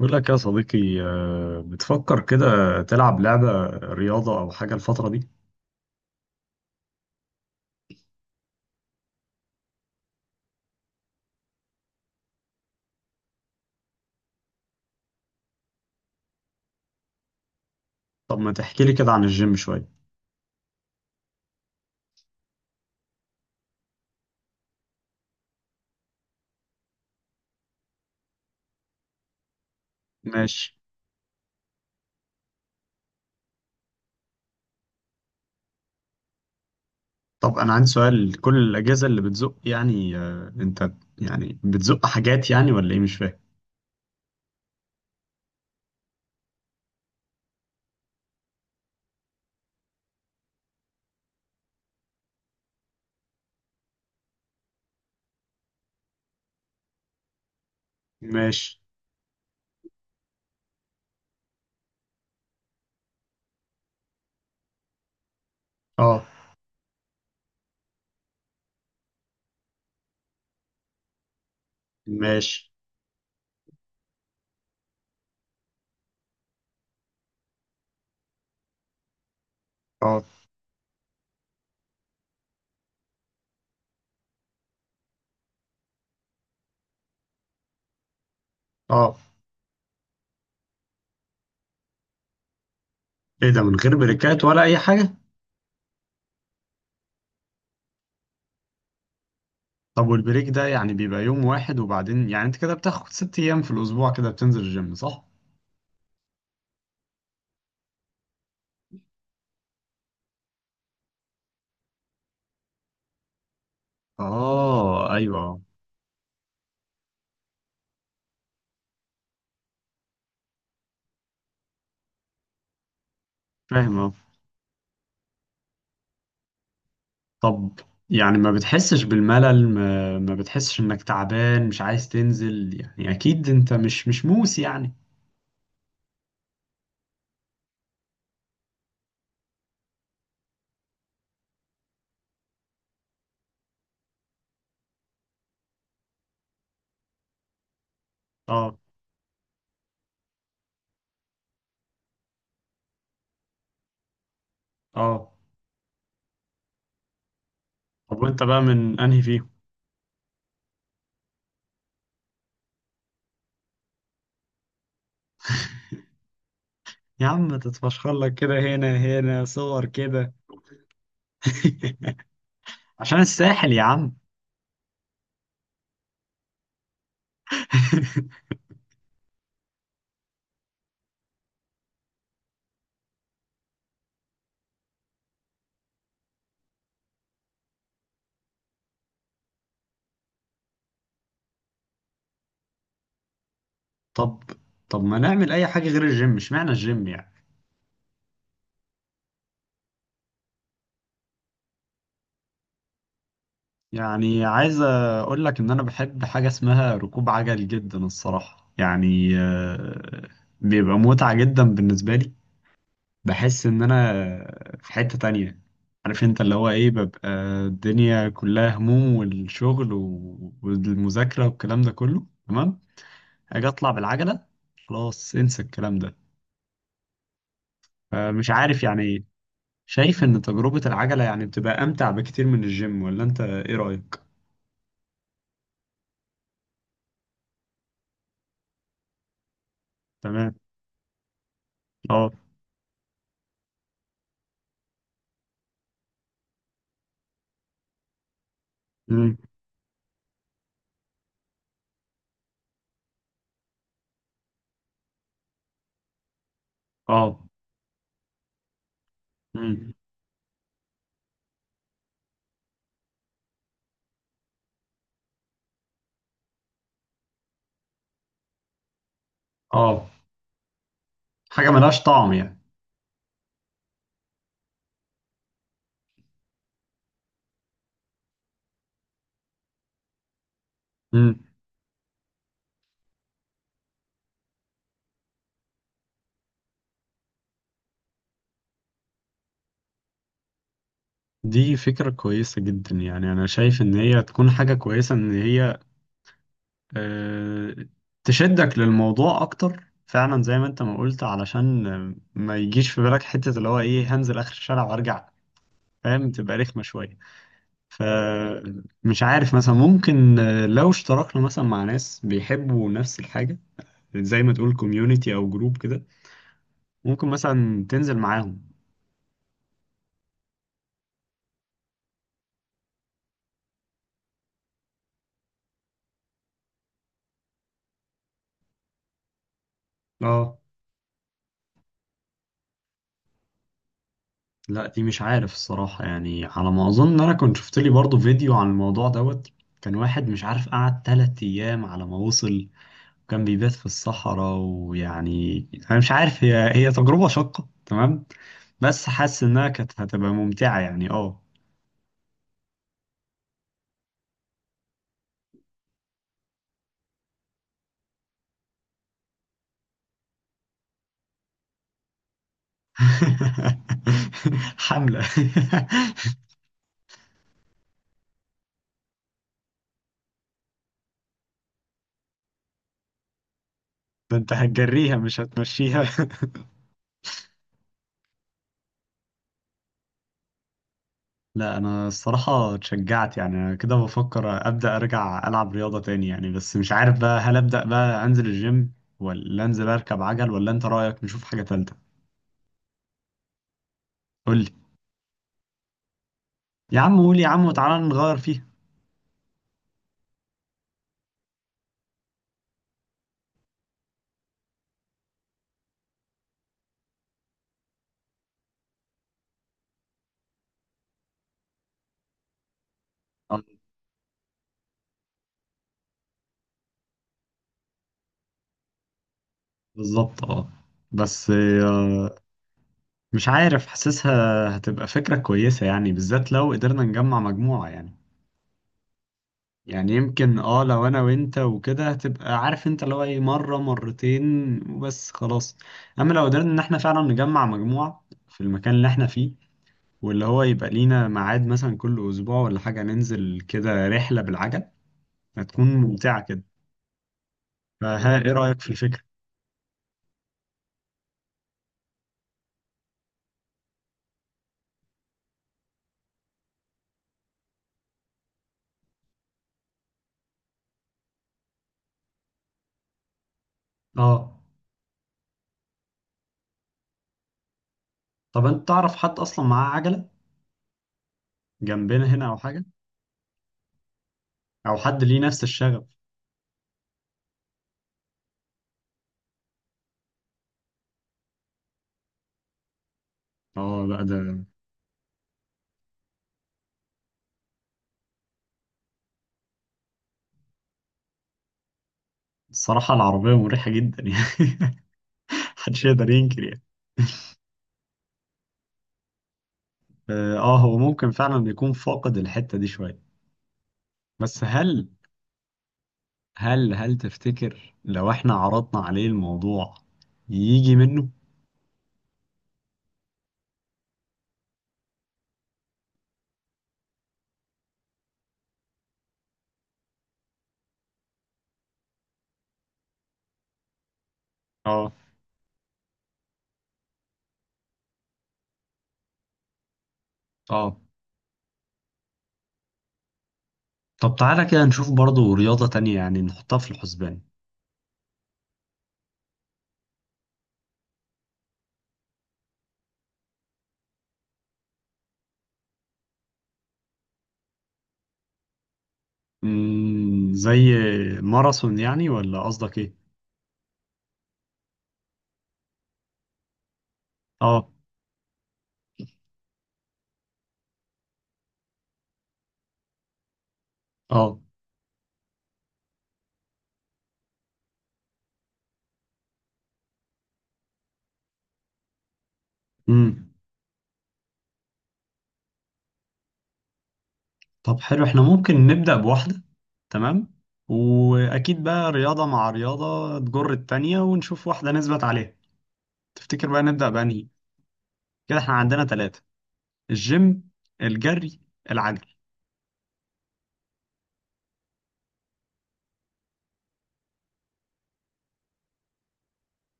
بقول لك يا صديقي آه، بتفكر كده تلعب لعبة رياضة أو حاجة الفترة دي؟ طب ما تحكي لي كده عن الجيم شوية. ماشي. طب أنا عندي سؤال، كل الأجهزة اللي بتزق يعني أنت يعني بتزق حاجات يعني ولا إيه مش فاهم؟ ماشي. أه. ماشي. أه. أه. إيه ده من غير بريكات ولا أي حاجة؟ طب والبريك ده يعني بيبقى يوم واحد وبعدين يعني أنت كده بتاخد ست أيام في الأسبوع كده بتنزل الجيم صح؟ أه أيوه. فاهم آه. طب يعني ما بتحسش بالملل، ما بتحسش انك تعبان مش عايز تنزل يعني اكيد انت مش موس يعني. اه. اه. طب وانت بقى من انهي فيهم؟ يا عم ما تتفشخر لك كده، هنا صور كده. عشان الساحل يا عم. طب طب ما نعمل اي حاجة غير الجيم، اشمعنى الجيم يعني؟ يعني عايز اقول لك ان انا بحب حاجة اسمها ركوب عجل جدا الصراحة يعني. آه، بيبقى متعة جدا بالنسبة لي. بحس ان انا في حتة تانية. عارف انت اللي هو ايه ببقى الدنيا كلها هموم والشغل والمذاكرة والكلام ده كله، تمام؟ اجي اطلع بالعجلة، خلاص انسى الكلام ده. مش عارف يعني ايه. شايف ان تجربة العجلة يعني بتبقى امتع بكتير من الجيم، ولا انت ايه رأيك؟ تمام. اه. مم. اه. مم. اه. حاجة ملهاش طعم يعني. مم. دي فكرة كويسة جدا، يعني أنا شايف إن هي تكون حاجة كويسة، إن هي آه، تشدك للموضوع اكتر فعلا زي ما انت ما قلت، علشان ما يجيش في بالك حتة اللي هو ايه، هنزل اخر الشارع وارجع، فاهم؟ تبقى رخمة شوية. فمش عارف مثلا، ممكن لو اشتركنا مثلا مع ناس بيحبوا نفس الحاجة، زي ما تقول كوميونيتي او جروب كده، ممكن مثلا تنزل معاهم. اه. لا دي مش عارف الصراحة يعني، على ما اظن انا كنت شفت لي برضو فيديو عن الموضوع دوت. كان واحد مش عارف قعد تلات ايام على ما وصل، كان بيبات في الصحراء ويعني انا مش عارف، هي تجربة شاقة تمام، بس حاسس انها كانت هتبقى ممتعة يعني اه. حملة. ده انت هتجريها مش هتمشيها. لا انا الصراحة اتشجعت يعني، انا كده بفكر ابدأ ارجع العب رياضة تاني يعني، بس مش عارف بقى هل ابدأ بقى انزل الجيم ولا انزل اركب عجل، ولا انت رأيك نشوف حاجة تالتة؟ قول لي. يا عم قول يا عم، وتعالى نغير فيها. آه، بالظبط اه. بس مش عارف، حاسسها هتبقى فكرة كويسة يعني، بالذات لو قدرنا نجمع مجموعة يعني. يعني يمكن اه، لو انا وانت وكده هتبقى عارف انت، لو اي مرة مرتين وبس خلاص. اما لو قدرنا ان احنا فعلا نجمع مجموعة في المكان اللي احنا فيه، واللي هو يبقى لينا ميعاد مثلا كل اسبوع ولا حاجة، ننزل كده رحلة بالعجل، هتكون ممتعة كده. فها ايه رأيك في الفكرة؟ اه. طب انت تعرف حد اصلا معاه عجلة جنبنا هنا او حاجة، او حد ليه نفس الشغف؟ اه لا ده الصراحة العربية مريحة جدا يعني. محدش يقدر ينكر يعني. اه. آه، هو ممكن فعلا يكون فاقد الحتة دي شوية. بس هل، هل تفتكر لو احنا عرضنا عليه الموضوع يجي منه؟ اه. اه. طب تعالى كده نشوف برضو رياضة تانية يعني، نحطها في الحسبان. مم، زي ماراثون يعني ولا قصدك ايه؟ اه. اه. مم. طب حلو، احنا ممكن نبدأ بواحدة. تمام. وأكيد بقى رياضة مع رياضة تجر التانية، ونشوف واحدة نثبت عليها. تفتكر بقى نبدأ بأنهي؟ كده احنا عندنا ثلاثة: الجيم، الجري، العجل.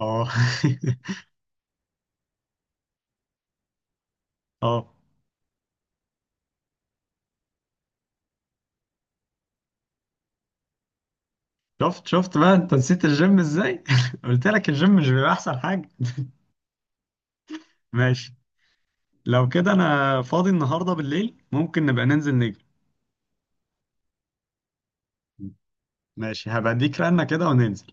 اه. اه. شفت بقى انت نسيت الجيم ازاي. قلت لك الجيم مش بيبقى أحسن حاجة. ماشي. لو كده أنا فاضي النهاردة بالليل، ممكن نبقى ننزل نجري. ماشي، هبقى اديك رنة كده وننزل.